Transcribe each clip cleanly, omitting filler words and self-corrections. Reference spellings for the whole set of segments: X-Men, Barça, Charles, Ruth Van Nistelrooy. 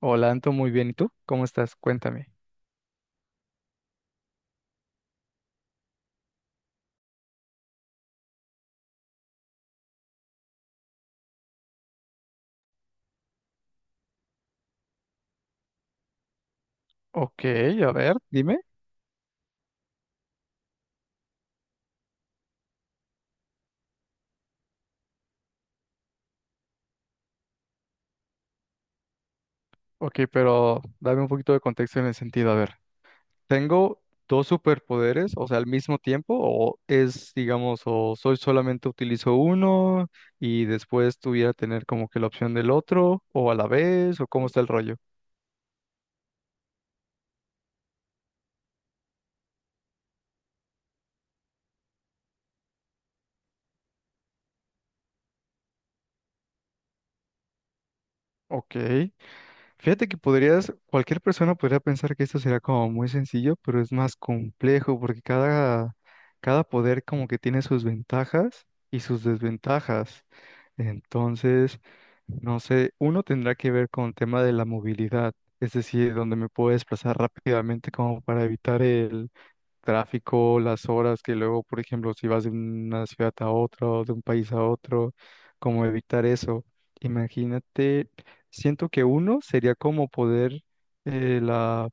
Hola, Anto, muy bien. ¿Y tú? ¿Cómo estás? Cuéntame. Ok, a ver, dime. Ok, pero dame un poquito de contexto en el sentido. A ver, ¿tengo dos superpoderes, o sea, al mismo tiempo? ¿O es, digamos, o soy solamente utilizo uno y después tuviera tener como que la opción del otro, o a la vez, o cómo está el rollo? Ok. Fíjate que podrías, cualquier persona podría pensar que esto será como muy sencillo, pero es más complejo porque cada poder como que tiene sus ventajas y sus desventajas. Entonces, no sé, uno tendrá que ver con el tema de la movilidad, es decir, donde me puedo desplazar rápidamente como para evitar tráfico, las horas que luego, por ejemplo, si vas de una ciudad a otra o de un país a otro, cómo evitar eso. Imagínate, siento que uno sería como poder la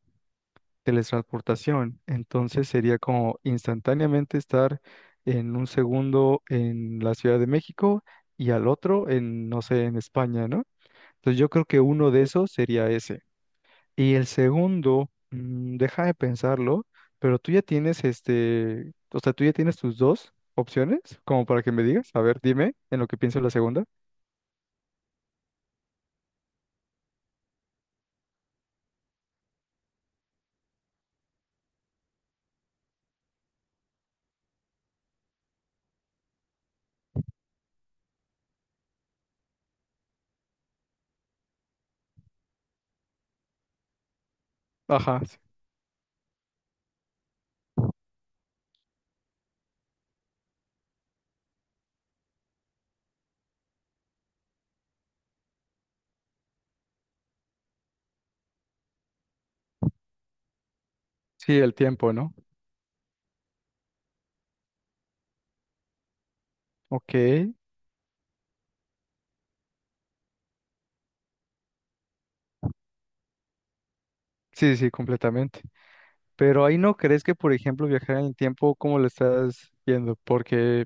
teletransportación, entonces sería como instantáneamente estar en un segundo en la Ciudad de México y al otro en, no sé, en España, ¿no? Entonces yo creo que uno de esos sería ese. Y el segundo, deja de pensarlo, pero tú ya tienes este, o sea, tú ya tienes tus dos opciones, como para que me digas, a ver, dime en lo que pienso la segunda. Ajá, sí, el tiempo, ¿no? Ok, sí, sí, completamente. Pero ahí no crees que, por ejemplo, viajar en el tiempo, ¿cómo lo estás viendo? Porque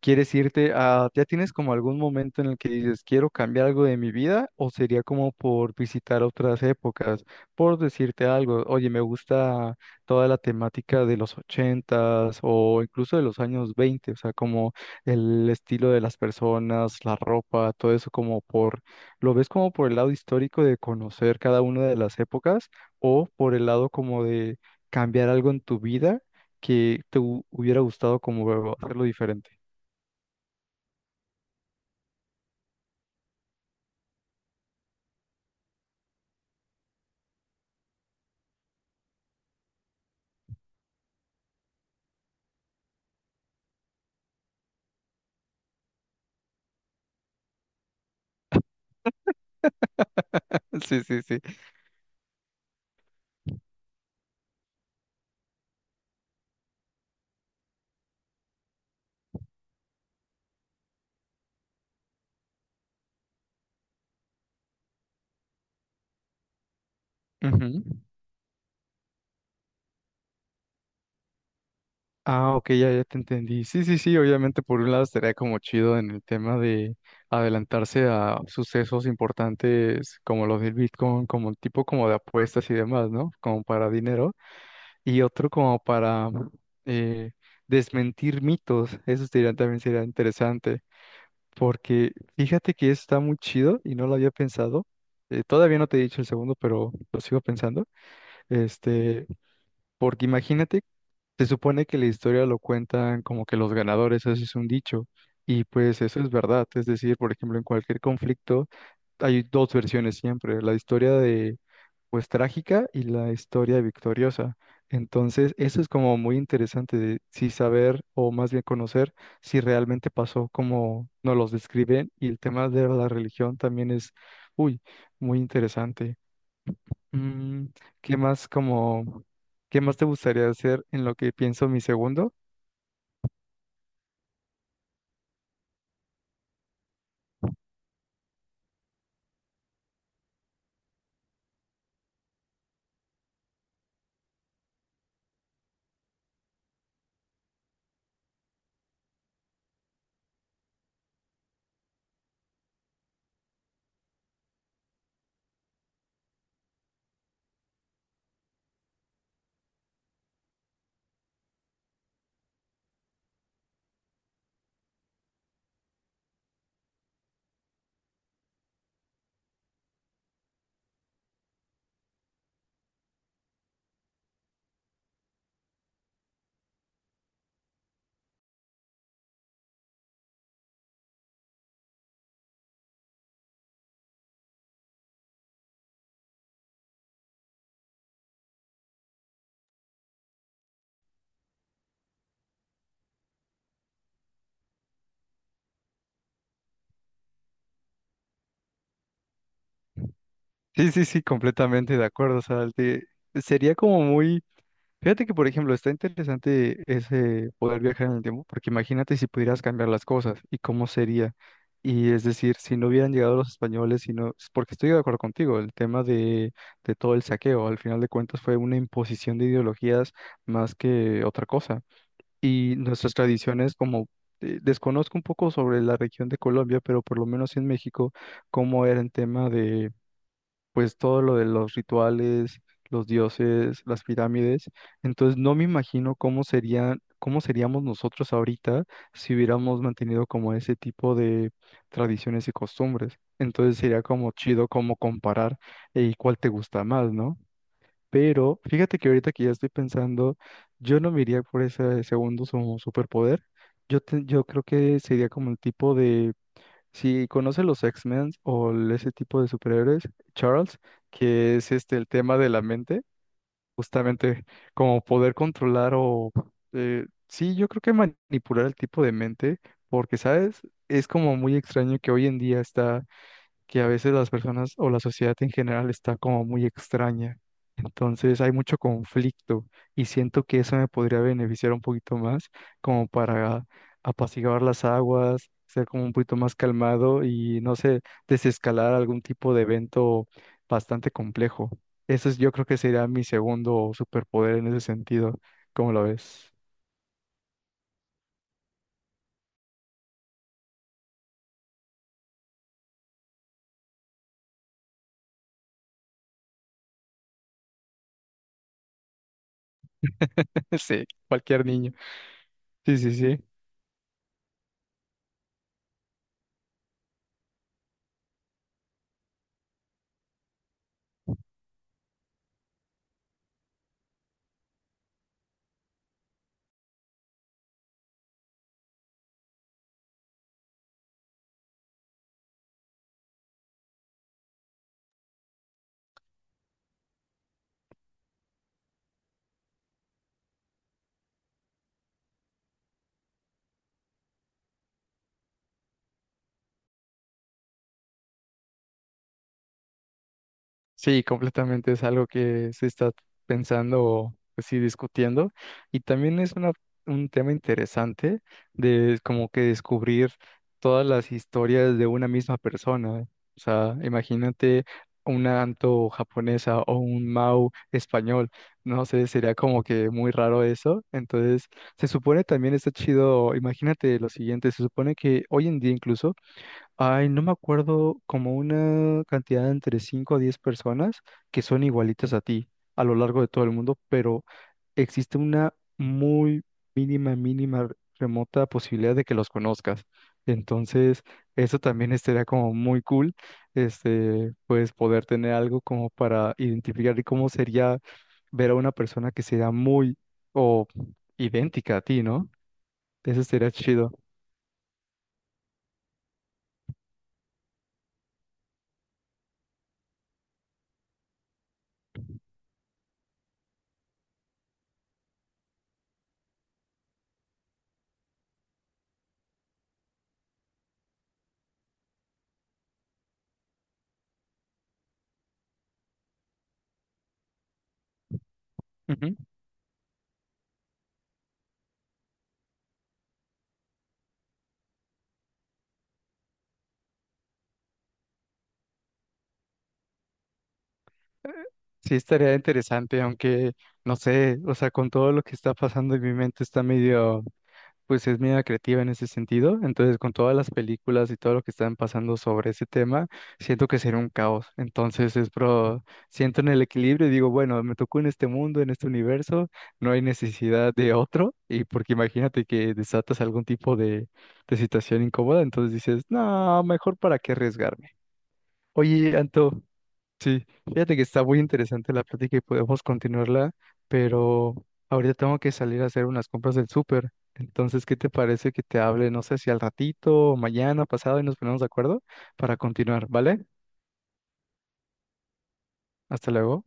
quieres irte a, ¿ya tienes como algún momento en el que dices, quiero cambiar algo de mi vida? ¿O sería como por visitar otras épocas? Por decirte algo, oye, me gusta toda la temática de los 80 o incluso de los años 20, o sea, como el estilo de las personas, la ropa, todo eso como por, ¿lo ves como por el lado histórico de conocer cada una de las épocas o por el lado como de cambiar algo en tu vida? Que te hubiera gustado como hacerlo diferente. Sí, sí, sí. Ujú. Ah, ok, ya, ya te entendí. Sí, sí, sí, obviamente por un lado estaría como chido en el tema de adelantarse a sucesos importantes como los del Bitcoin, como tipo como de apuestas y demás, ¿no? Como para dinero. Y otro como para eh, desmentir mitos, eso también sería interesante, porque fíjate que está muy chido y no lo había pensado. Todavía no te he dicho el segundo, pero lo sigo pensando. Este, porque imagínate se supone que la historia lo cuentan como que los ganadores, eso es un dicho, y pues eso es verdad, es decir, por ejemplo, en cualquier conflicto hay dos versiones siempre, la historia de pues trágica y la historia victoriosa. Entonces, eso es como muy interesante de sí saber o más bien conocer si realmente pasó como nos los describen y el tema de la religión también es, uy, muy interesante. Mm, ¿Qué más como, qué más te gustaría hacer en lo que pienso mi segundo? Sí, sí, sí, completamente de acuerdo. O sea, sería como muy, fíjate que por ejemplo está interesante ese poder viajar en el tiempo, porque imagínate si pudieras cambiar las cosas y cómo sería. Y es decir, si no hubieran llegado los españoles, si no, porque estoy de acuerdo contigo, el tema de todo el saqueo, al final de cuentas fue una imposición de ideologías más que otra cosa. Y nuestras tradiciones como desconozco un poco sobre la región de Colombia, pero por lo menos en México, cómo era el tema de pues todo lo de los rituales, los dioses, las pirámides. Entonces no me imagino cómo serían, cómo seríamos nosotros ahorita si hubiéramos mantenido como ese tipo de tradiciones y costumbres. Entonces sería como chido como comparar y cuál te gusta más, ¿no? Pero fíjate que ahorita que ya estoy pensando, yo no me iría por ese segundo superpoder. Yo, yo creo que sería como el tipo de, si conoce los X-Men o ese tipo de superhéroes, Charles, que es este el tema de la mente, justamente como poder controlar o, sí, yo creo que manipular el tipo de mente, porque, ¿sabes? Es como muy extraño que hoy en día está que a veces las personas o la sociedad en general está como muy extraña. Entonces hay mucho conflicto y siento que eso me podría beneficiar un poquito más como para apaciguar las aguas, ser como un poquito más calmado y no sé, desescalar algún tipo de evento bastante complejo. Eso es, yo creo que sería mi segundo superpoder en ese sentido. ¿Cómo lo ves? Sí, cualquier niño. Sí, sí, sí. Sí, completamente es algo que se está pensando o pues sí discutiendo y también es un tema interesante de como que descubrir todas las historias de una misma persona. O sea, imagínate una Anto japonesa o un Mau español, no sé, sería como que muy raro eso. Entonces, se supone también está chido, imagínate lo siguiente, se supone que hoy en día incluso ay, no me acuerdo, como una cantidad de entre 5 a 10 personas que son igualitas a ti a lo largo de todo el mundo, pero existe una muy mínima, remota posibilidad de que los conozcas. Entonces, eso también estaría como muy cool, este, pues poder tener algo como para identificar y cómo sería ver a una persona que sea muy o idéntica a ti, ¿no? Eso sería chido. Sí, estaría interesante, aunque no sé, o sea, con todo lo que está pasando en mi mente está medio, pues es medio creativa en ese sentido. Entonces, con todas las películas y todo lo que están pasando sobre ese tema, siento que sería un caos. Entonces, es pro, siento en el equilibrio y digo, bueno, me tocó en este mundo, en este universo, no hay necesidad de otro. Y porque imagínate que desatas algún tipo de situación incómoda, entonces dices, no, mejor para qué arriesgarme. Oye, Anto. Fíjate que está muy interesante la plática y podemos continuarla, pero ahorita tengo que salir a hacer unas compras del súper. Entonces, ¿qué te parece que te hable, no sé si al ratito, o mañana, pasado, y nos ponemos de acuerdo para continuar, ¿vale? Hasta luego.